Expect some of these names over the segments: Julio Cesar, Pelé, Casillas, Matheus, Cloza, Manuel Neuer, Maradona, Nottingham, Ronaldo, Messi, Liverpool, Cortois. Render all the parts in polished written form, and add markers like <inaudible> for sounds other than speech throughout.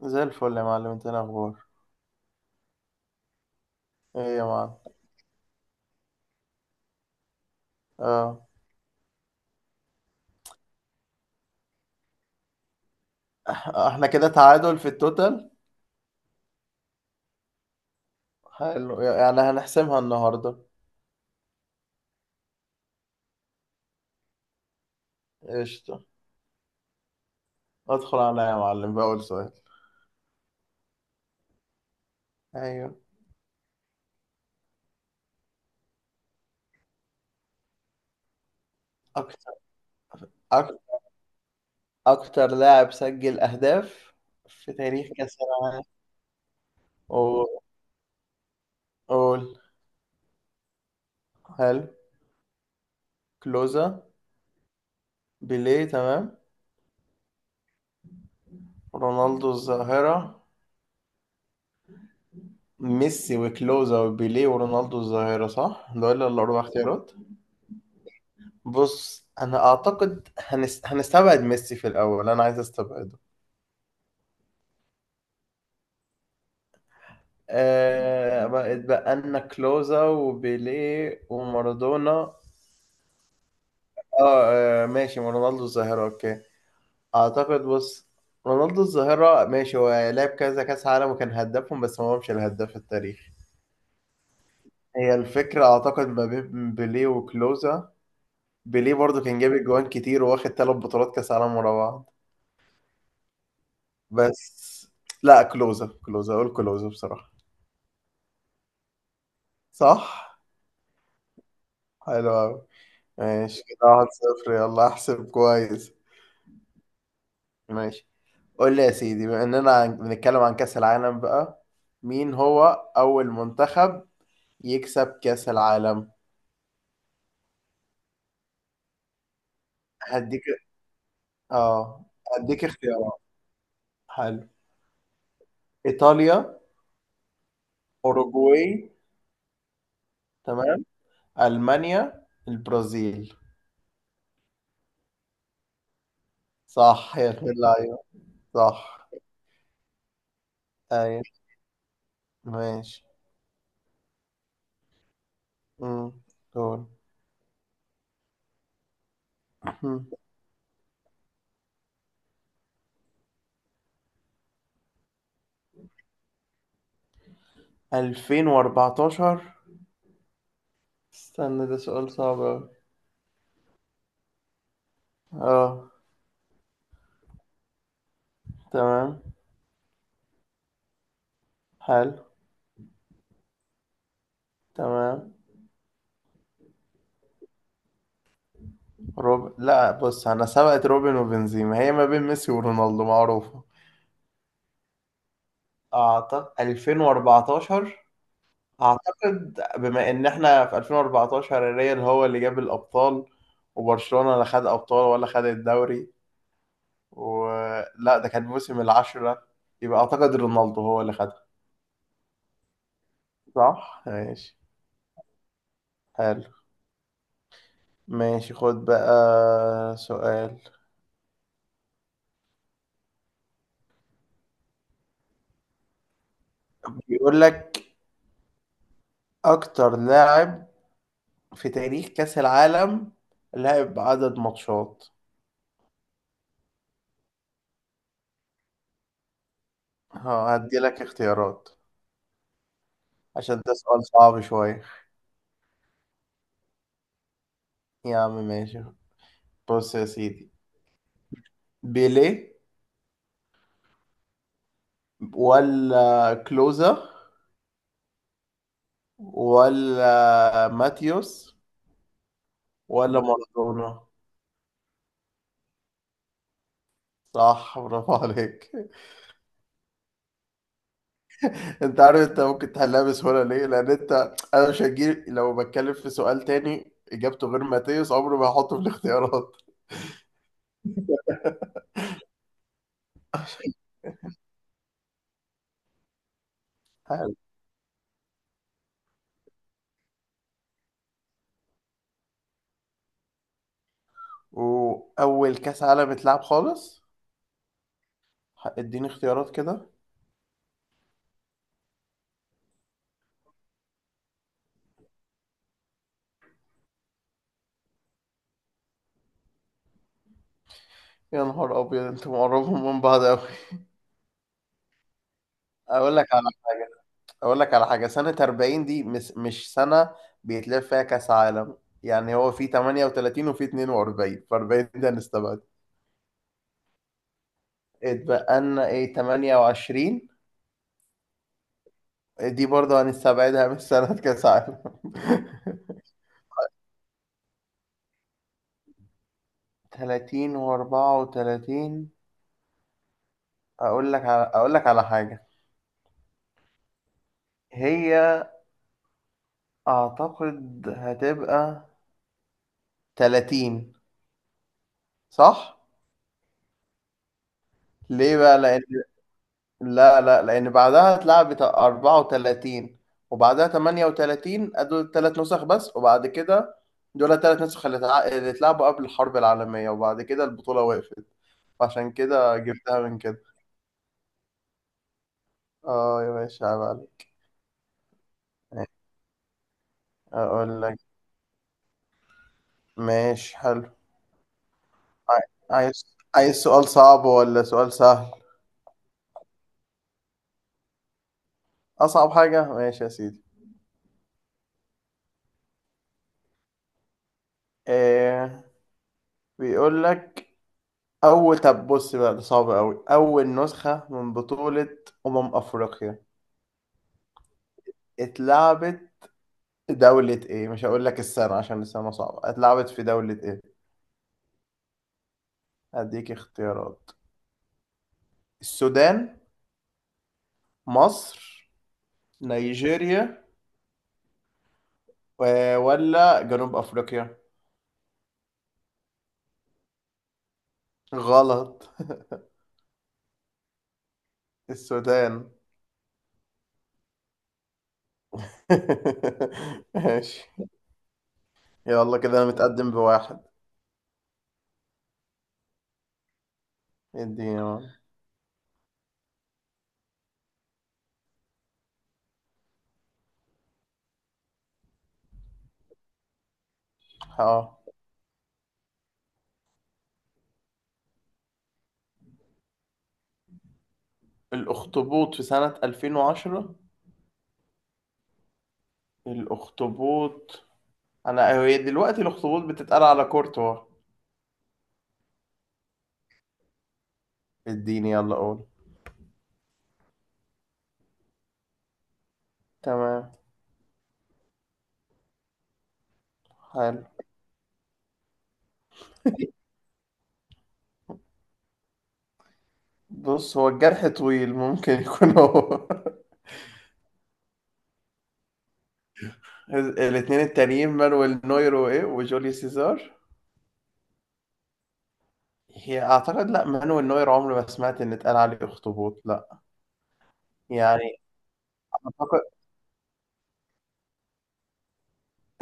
زي الفل يا معلم، انت ايه الاخبار؟ ايه يا معلم؟ اه. <laughs> احنا كده تعادل في التوتال. حلو، يعني هنحسمها النهارده. قشطه. ادخل عليا يا معلم بأول سؤال. ايوه. اكتر أك... اكتر لاعب سجل اهداف في تاريخ كاس العالم. قول. قول. حلو. كلوزا. بيليه، تمام. رونالدو الظاهره. ميسي وكلوزا وبيليه ورونالدو الظاهره، صح؟ دول الاربع اختيارات. بص، انا اعتقد هنستبعد ميسي في الاول، انا عايز استبعده. آه، بقت بقى لنا كلوزا وبيليه ومارادونا. آه, اه ماشي، رونالدو الظاهرة اوكي. اعتقد، بص، رونالدو الظاهرة ماشي، هو لعب كذا كاس عالم وكان هدافهم، بس هو مش الهداف التاريخي. هي الفكرة اعتقد ما بين بيليه وكلوزا. بيليه برضو كان جايب جوان كتير، وواخد 3 بطولات كاس عالم ورا بعض. بس لا، كلوزا، كلوزا، اقول كلوزا بصراحة. صح. حلو أوي. ماشي كده، واحد صفر، يلا احسب كويس. ماشي. قول لي يا سيدي، بما اننا بنتكلم عن كأس العالم بقى، مين هو أول منتخب يكسب كأس العالم؟ هديك. اه، هديك اختيارات. حلو. إيطاليا. أوروجواي، تمام. ألمانيا، البرازيل. صح يا أخي، اللعيبة صح. أيوة، ماشي. امم، دول 2014. استنى، ده سؤال صعب أوي. اه. تمام. حلو. تمام. روب، لا بص، انا سبقت روبن وبنزيما، هي ما بين ميسي ورونالدو معروفة. اعتقد 2014. اعتقد بما ان احنا في 2014 الريال هو اللي جاب الابطال، وبرشلونة لا خد ابطال ولا خد الدوري، ولا ده كان موسم العشرة. يبقى اعتقد رونالدو هو اللي خدها. صح ماشي. حلو. ماشي، خد بقى سؤال. بيقول لك، اكتر لاعب في تاريخ كأس العالم لعب عدد ماتشات. ها، هديلك اختيارات، عشان ده سؤال صعب شوية. يا عم ماشي. بص يا سيدي، بيليه ولا كلوزا ولا ماتيوس ولا مارادونا؟ صح، برافو عليك. <laughs> انت عارف انت ممكن تحلها بسهولة ليه؟ لان انت، انا مش هجيب، لو بتكلم في سؤال تاني اجابته غير ماتيوس عمري ما هحطه في الاختيارات. <laughs> وأول كأس عالم اتلعب خالص؟ اديني اختيارات كده. يا نهار أبيض، انتوا مقربين من بعض أوي. أقول لك على حاجة أقول لك على حاجة، سنة 40 دي مش سنة بيتلعب فيها كأس عالم، يعني هو في 38 وفي 42، ف 40 ده هنستبعد. اتبقى لنا ايه؟ 28 دي برضه هنستبعدها من سنة كأس عالم. <laughs> 30 و34. أقول لك على حاجة. هي أعتقد هتبقى 30، صح؟ ليه بقى؟ لأن، لا لا، لأن بعدها اتلعبت 34 وبعدها 38، دول 3 نسخ بس، وبعد كده دول 3 نسخ اللي اتلعبوا قبل الحرب العالمية، وبعد كده البطولة وقفت، عشان كده جبتها من كده. اه يا باشا، عيب عليك. أقول لك ماشي، حلو. عاي- عايز، عايز سؤال صعب ولا سؤال سهل؟ أصعب حاجة؟ ماشي يا سيدي. إيه، بيقول لك أول، طب بص بقى، ده صعب أوي. أول نسخة من بطولة أمم أفريقيا اتلعبت في دولة إيه؟ مش هقول لك السنة عشان السنة صعبة، اتلعبت في دولة إيه؟ هديك اختيارات. السودان. مصر. نيجيريا. ولا جنوب أفريقيا؟ غلط. السودان. <laughs> ماشي، يلا كده أنا متقدم بواحد. اديني واحد. اه. الأخطبوط في سنة 2010. الأخطبوط. انا هي دلوقتي الاخطبوط بتتقال على كورتوا. اديني، يلا قول. تمام. حلو. بص، هو الجرح طويل، ممكن يكون هو. <laughs> الاثنين التانيين، مانويل نوير وايه، وجوليو سيزار. هي اعتقد، لا، مانويل نوير عمري ما سمعت ان اتقال عليه اخطبوط، لا. يعني، اعتقد،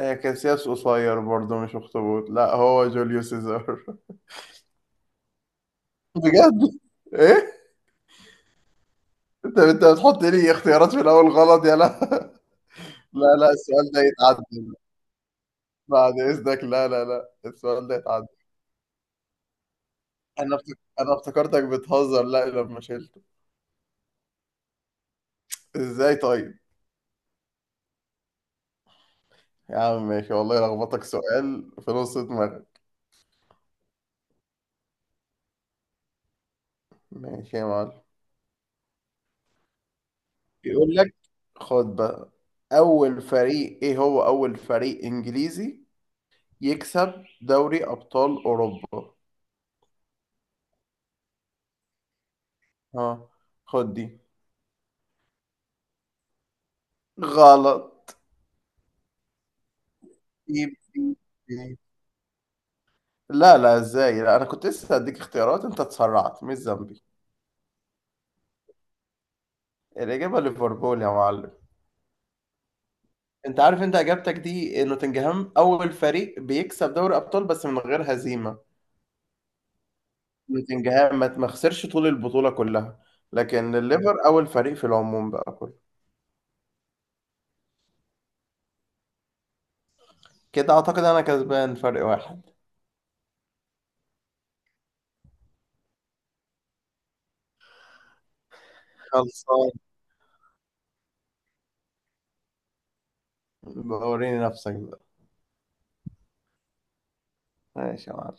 آه، كاسياس قصير برضه مش اخطبوط، لا هو جوليو سيزار. <laughs> بجد؟ ايه؟ انت بتحط لي اختيارات في الاول غلط يا لا. <laughs> لا لا، السؤال ده يتعدى، بعد اذنك، لا لا لا، السؤال ده اتعدى. انا افتكرتك بتهزر، لا لما شلته. ازاي طيب؟ يا عم ماشي، والله لخبطك سؤال في نص دماغك. ماشي يا معلم. بيقول لك، خد بقى، اول فريق، ايه هو اول فريق انجليزي يكسب دوري ابطال اوروبا؟ ها، خد دي. غلط. إيه- إيه- إيه. لا لا، ازاي؟ لا، انا كنت لسه هديك اختيارات، انت اتسرعت، مش ذنبي. الاجابه ليفربول يا معلم. انت عارف انت اجابتك دي، نوتنجهام اول فريق بيكسب دوري ابطال بس من غير هزيمه، نوتنجهام ما خسرش طول البطوله كلها، لكن الليفر اول فريق في العموم بقى كله. كده اعتقد انا كسبان فرق واحد. خلصان. بوريني نفسك بقى. ماشي يا معلم.